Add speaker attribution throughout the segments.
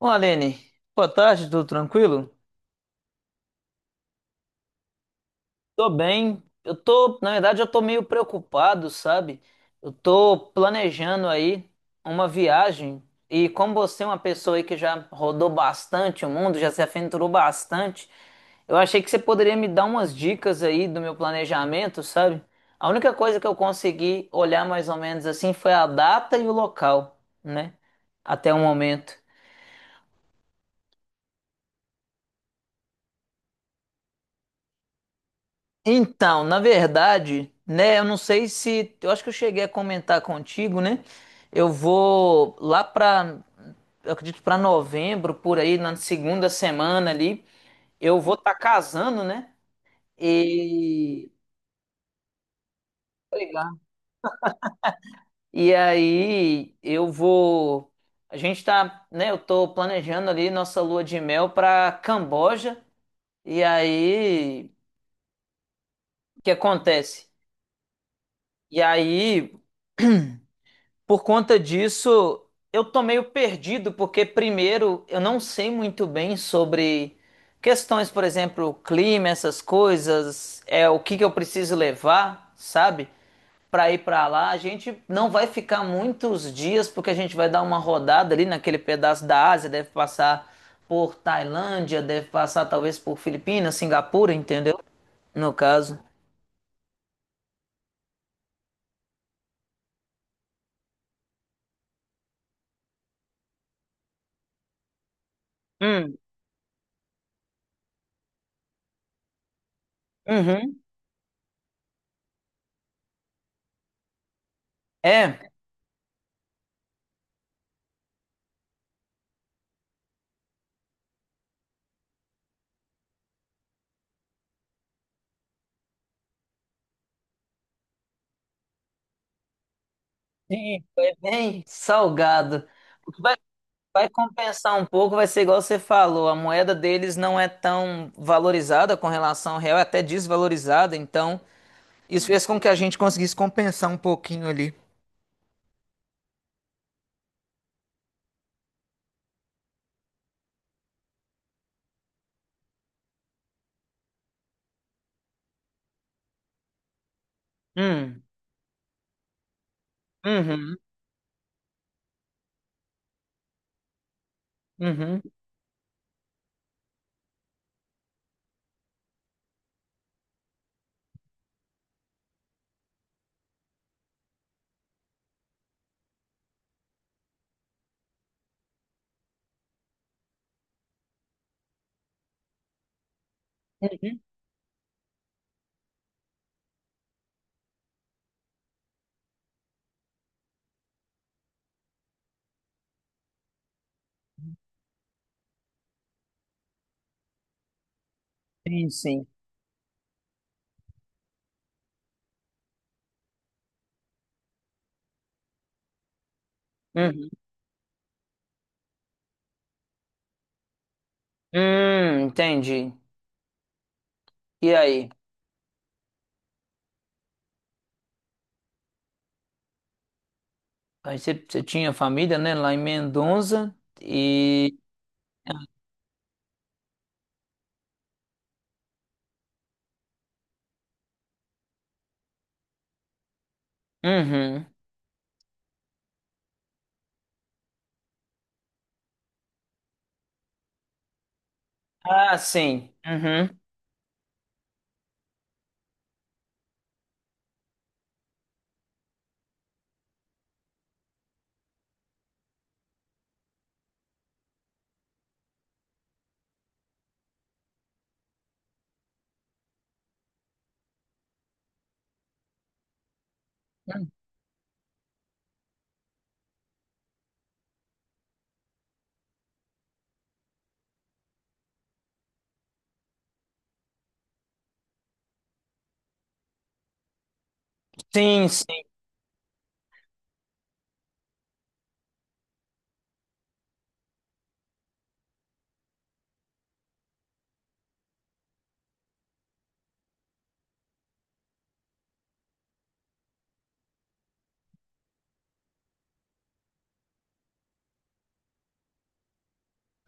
Speaker 1: Bom, Aline, boa tarde, tudo tranquilo? Tô bem. Na verdade, eu tô meio preocupado, sabe? Eu tô planejando aí uma viagem e como você é uma pessoa aí que já rodou bastante o mundo, já se aventurou bastante, eu achei que você poderia me dar umas dicas aí do meu planejamento, sabe? A única coisa que eu consegui olhar mais ou menos assim foi a data e o local, né? Até o momento. Então, na verdade, né, eu não sei se, eu acho que eu cheguei a comentar contigo, né? Eu vou lá pra, eu acredito pra novembro, por aí, na segunda semana ali, eu vou estar casando, né? E Legal. E aí eu vou, a gente tá, né, eu tô planejando ali nossa lua de mel pra Camboja. E aí, o que acontece? E aí Por conta disso, eu tô meio perdido, porque primeiro eu não sei muito bem sobre questões, por exemplo, clima, essas coisas, é o que que eu preciso levar, sabe? Para ir para lá, a gente não vai ficar muitos dias, porque a gente vai dar uma rodada ali naquele pedaço da Ásia, deve passar por Tailândia, deve passar talvez por Filipinas, Singapura, entendeu? No caso. Hum, uhum. É, sim, foi bem salgado. Vai compensar um pouco, vai ser igual você falou, a moeda deles não é tão valorizada com relação ao real, é até desvalorizada, então isso fez com que a gente conseguisse compensar um pouquinho ali. Hum, uhum, uhum, uhum. Sim, sim. Uhum. Entendi. E aí? Aí você tinha família, né, lá em Mendonça e... Uhum. Ah, sim. Uhum. Sim, sim.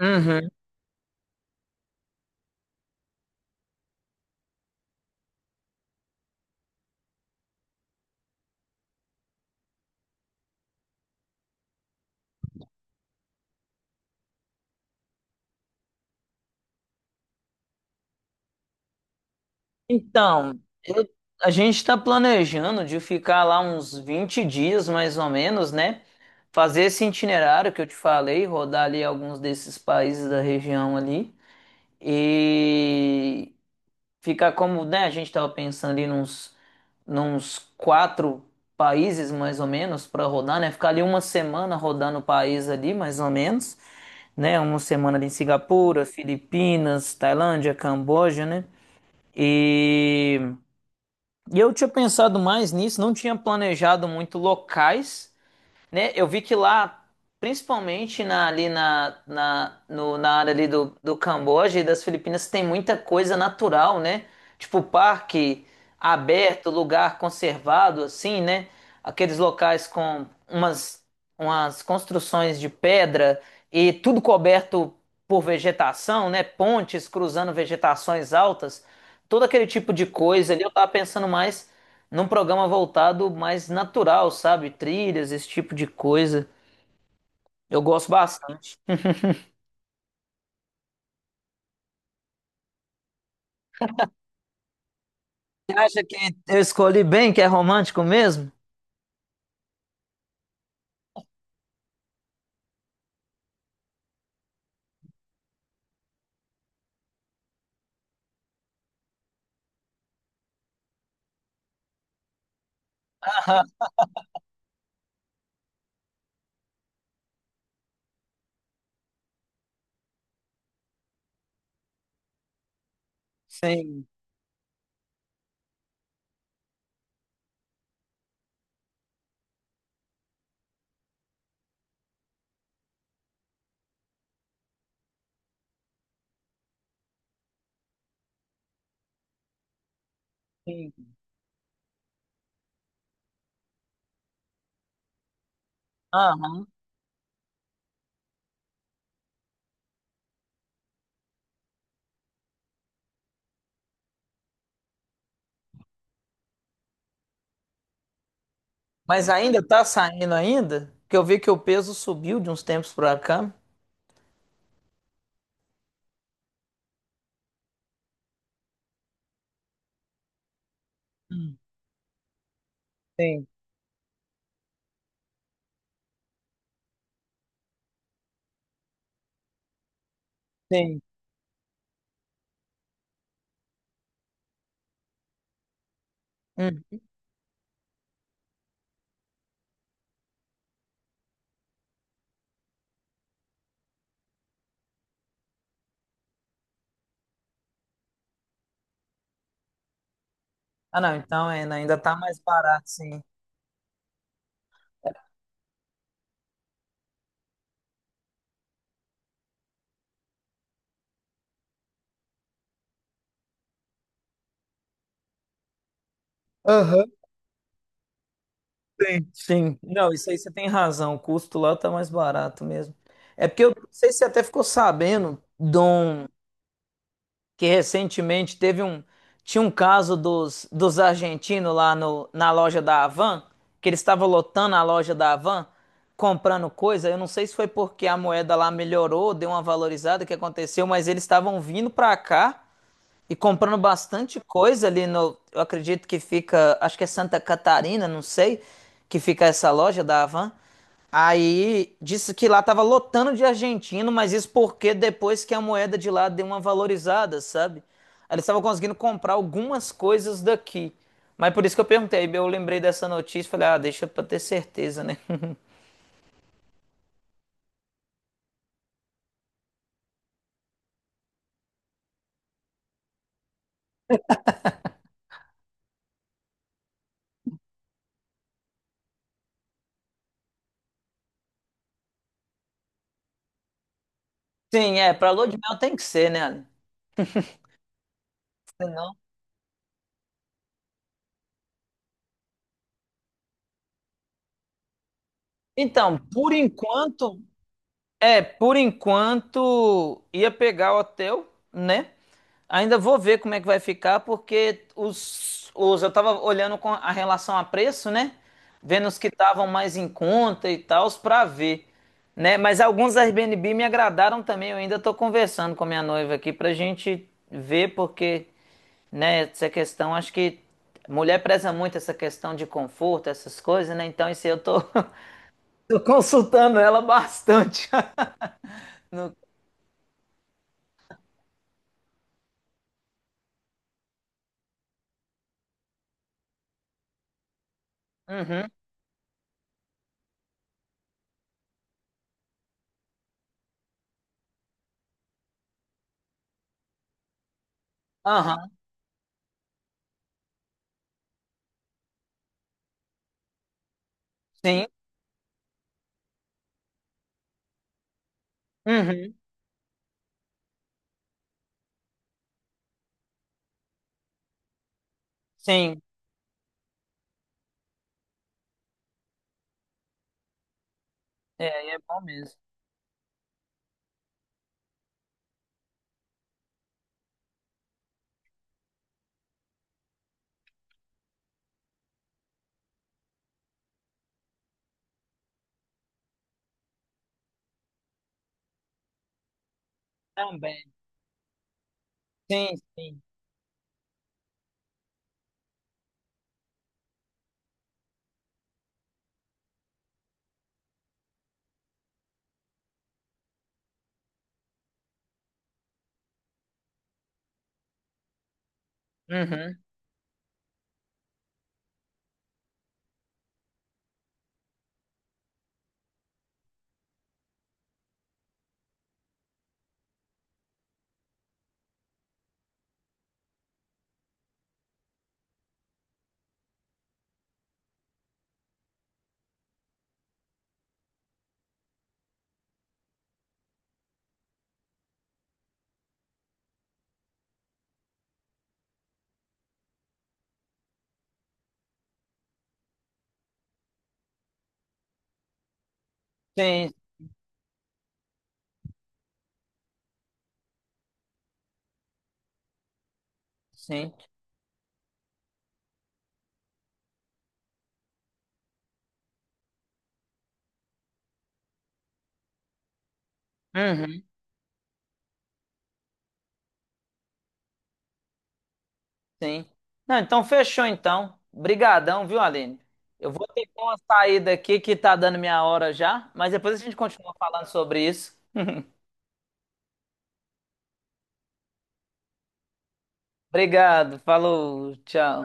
Speaker 1: Uhum. Então, eu- a gente está planejando de ficar lá uns 20 dias, mais ou menos, né? Fazer esse itinerário que eu te falei, rodar ali alguns desses países da região ali e ficar como, né? A gente estava pensando ali nos quatro países, mais ou menos, para rodar, né? Ficar ali uma semana rodando o país ali, mais ou menos, né? Uma semana ali em Singapura, Filipinas, Tailândia, Camboja, né? E e eu tinha pensado mais nisso, não tinha planejado muito locais, né? Eu vi que lá, principalmente na, ali na, na, no- na área ali do Camboja e das Filipinas, tem muita coisa natural, né? Tipo parque aberto, lugar conservado, assim, né? Aqueles locais com umas construções de pedra e tudo coberto por vegetação, né? Pontes cruzando vegetações altas, todo aquele tipo de coisa ali. Eu tava pensando mais num programa voltado mais natural, sabe? Trilhas, esse tipo de coisa. Eu gosto bastante. Você acha que eu escolhi bem, que é romântico mesmo? Aham. Sim, sim. Aham. Mas ainda tá saindo ainda? Porque eu vi que o peso subiu de uns tempos pra cá. Hum. Sim, sim. Hum. Ah, não, então ainda tá mais barato, sim. Aham, sim. Sim. Não, isso aí você tem razão. O custo lá tá mais barato mesmo. É porque eu não sei se você até ficou sabendo de um, que recentemente teve um tinha um caso dos argentinos lá no, na loja da Havan, que eles estavam lotando a loja da Havan, comprando coisa. Eu não sei se foi porque a moeda lá melhorou, deu uma valorizada o que aconteceu, mas eles estavam vindo para cá e comprando bastante coisa ali no... Eu acredito que fica. Acho que é Santa Catarina, não sei. Que fica essa loja da Havan. Aí disse que lá tava lotando de argentino, mas isso porque depois que a moeda de lá deu uma valorizada, sabe? Aí eles estavam conseguindo comprar algumas coisas daqui. Mas por isso que eu perguntei. Eu lembrei dessa notícia e falei, ah, deixa pra ter certeza, né? Sim, é. Pra lua de mel tem que ser, né, Ale? Senão... Então, por enquanto. É, por enquanto ia pegar o hotel, né? Ainda vou ver como é que vai ficar, porque os eu tava olhando com a relação a preço, né? Vendo os que estavam mais em conta e tal, pra ver, né? Mas alguns Airbnb me agradaram também. Eu ainda tô conversando com a minha noiva aqui pra gente ver, porque, né, essa questão, acho que mulher preza muito essa questão de conforto, essas coisas, né? Então, isso aí eu tô, tô consultando ela bastante. Uhum. Aham. Sim. Uhum. Sim. É, aí é bom mesmo. Também. Sim, sim. Uhum. Sim, sim. Uhum. Sim. Não, então fechou então. Brigadão, viu, Aline? Eu vou ter que dar uma saída aqui que tá dando minha hora já, mas depois a gente continua falando sobre isso. Obrigado. Falou. Tchau.